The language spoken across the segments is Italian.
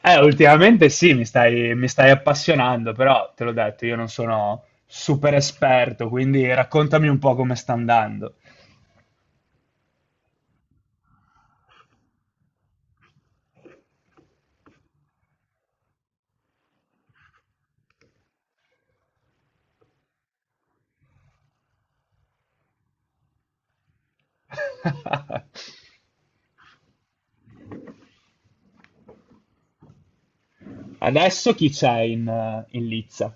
Ultimamente sì, mi stai appassionando, però te l'ho detto, io non sono super esperto, quindi raccontami un po' come sta andando. Adesso chi c'è in Lizza?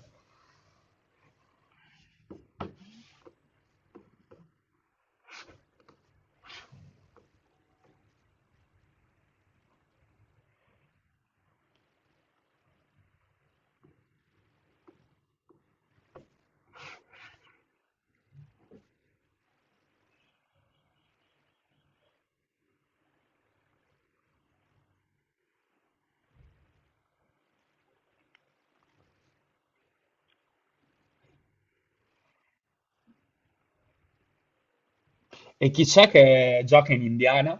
E chi c'è che gioca in Indiana?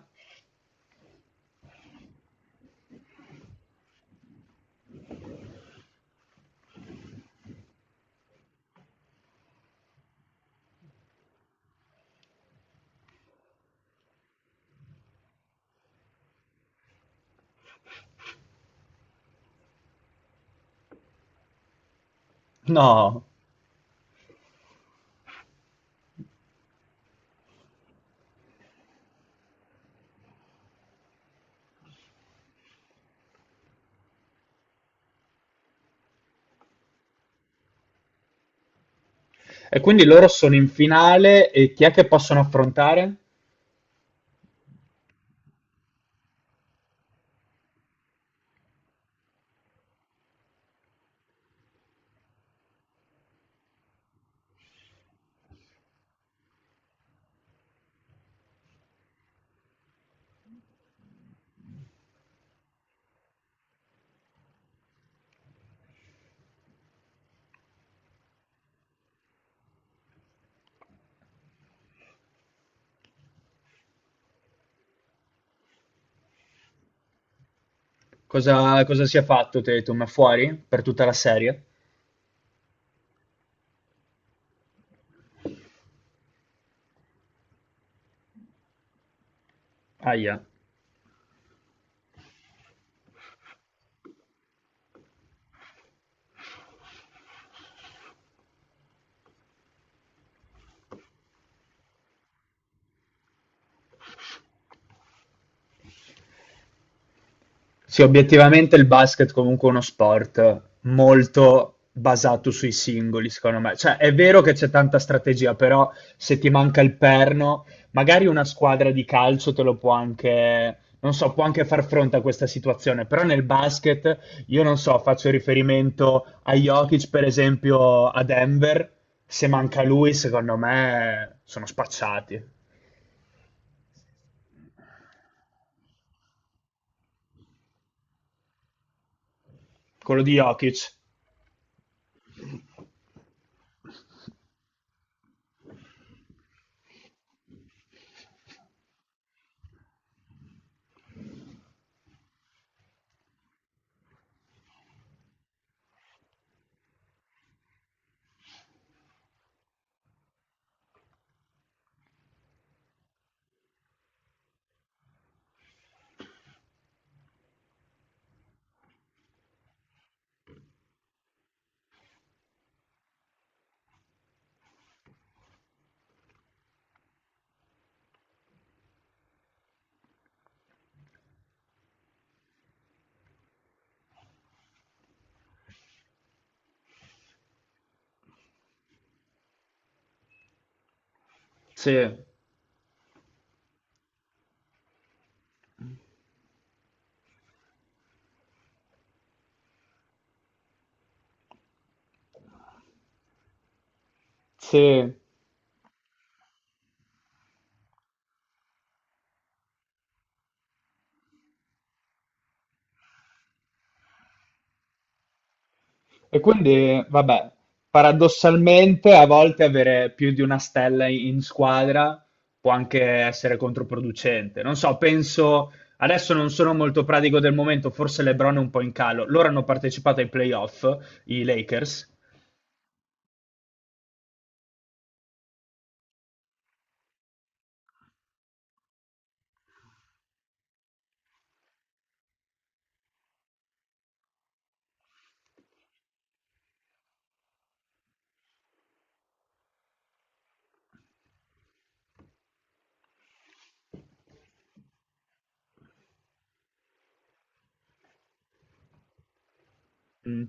No. E quindi loro sono in finale e chi è che possono affrontare? Cosa si è fatto, Tatum? È fuori per tutta la serie? Ahia. Sì, obiettivamente il basket comunque è uno sport molto basato sui singoli, secondo me. Cioè, è vero che c'è tanta strategia, però se ti manca il perno, magari una squadra di calcio te lo può anche, non so, può anche far fronte a questa situazione, però nel basket, io non so, faccio riferimento a Jokic, per esempio, a Denver, se manca lui, secondo me sono spacciati. Quello di Jokic. Sì, sì. E quindi, vabbè, paradossalmente a volte avere più di una stella in squadra può anche essere controproducente. Non so, penso, adesso non sono molto pratico del momento, forse LeBron è un po' in calo. Loro hanno partecipato ai playoff, i Lakers. Mm.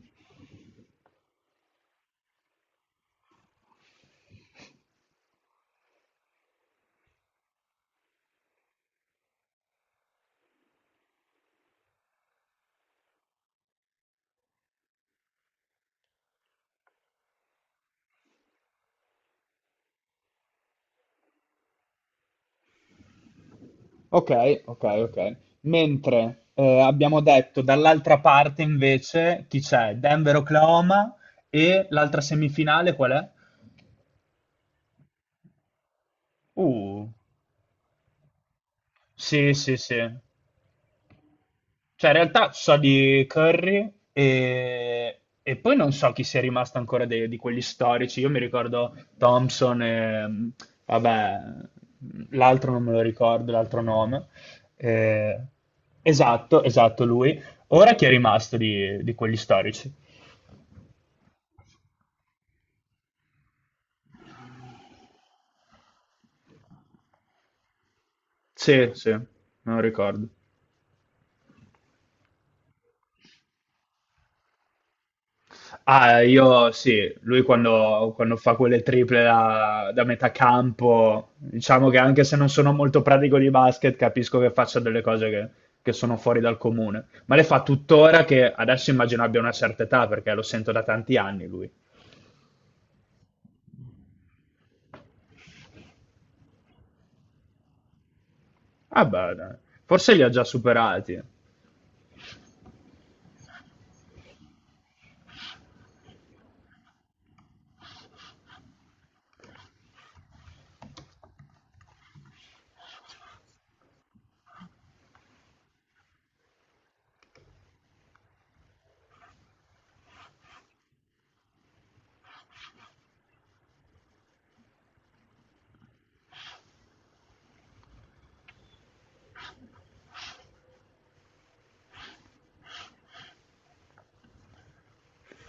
Ok, ok, ok. Mentre abbiamo detto dall'altra parte invece chi c'è? Denver, Oklahoma e l'altra semifinale qual è? Uh, sì, sì, sì. Cioè, in realtà so di Curry e poi non so chi sia rimasto ancora di quelli storici. Io mi ricordo Thompson e, vabbè, l'altro non me lo ricordo, l'altro nome. Eh, esatto, esatto, lui. Ora chi è rimasto di quelli storici? Sì, sì, me lo ricordo. Ah, io sì, lui quando fa quelle triple da metà campo, diciamo che anche se non sono molto pratico di basket, capisco che faccia delle cose che sono fuori dal comune. Ma le fa tuttora che adesso immagino abbia una certa età, perché lo sento da tanti anni lui. Ah, beh, dai, forse li ha già superati.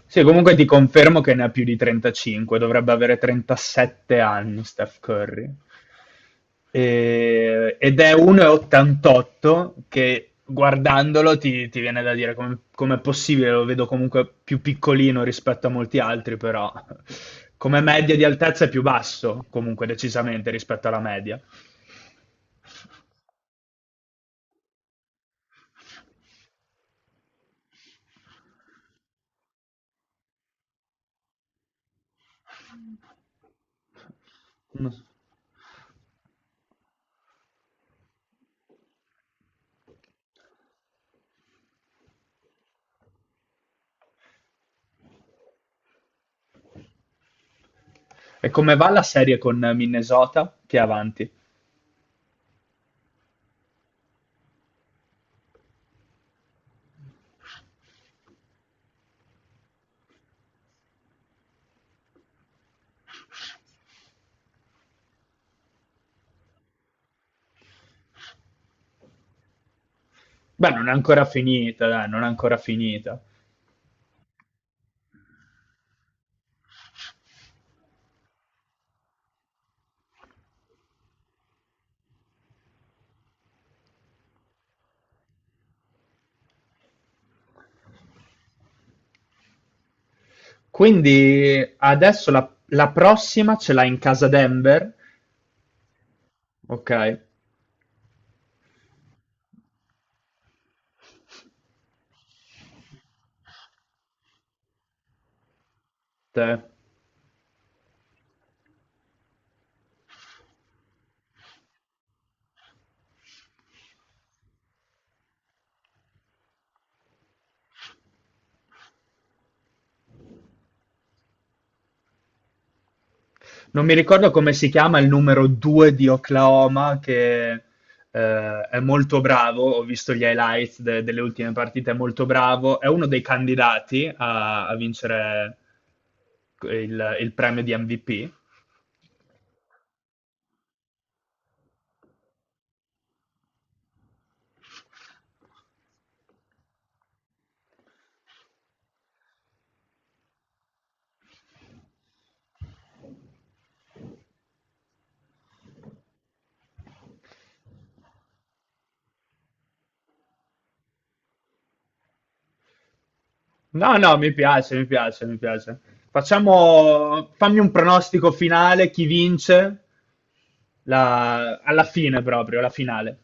Sì, comunque ti confermo che ne ha più di 35, dovrebbe avere 37 anni Steph Curry. Ed è 1,88 che guardandolo ti viene da dire come, com'è possibile, lo vedo comunque più piccolino rispetto a molti altri, però come media di altezza è più basso comunque decisamente rispetto alla media. E come va la serie con Minnesota? Che è avanti? Beh, non è ancora finita, dai, non è ancora finita. Quindi adesso la prossima ce l'ha in casa Denver. Ok, te. Non mi ricordo come si chiama il numero 2 di Oklahoma che è molto bravo, ho visto gli highlights delle ultime partite, è molto bravo, è uno dei candidati a vincere il premio di MVP. No, no, mi piace, mi piace, mi piace. Facciamo, fammi un pronostico finale, chi vince alla fine proprio, la finale.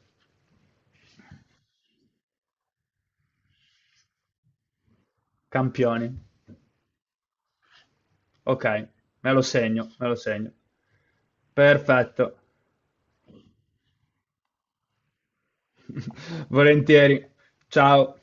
Campioni. Ok, me lo segno, me lo segno. Perfetto. Volentieri. Ciao.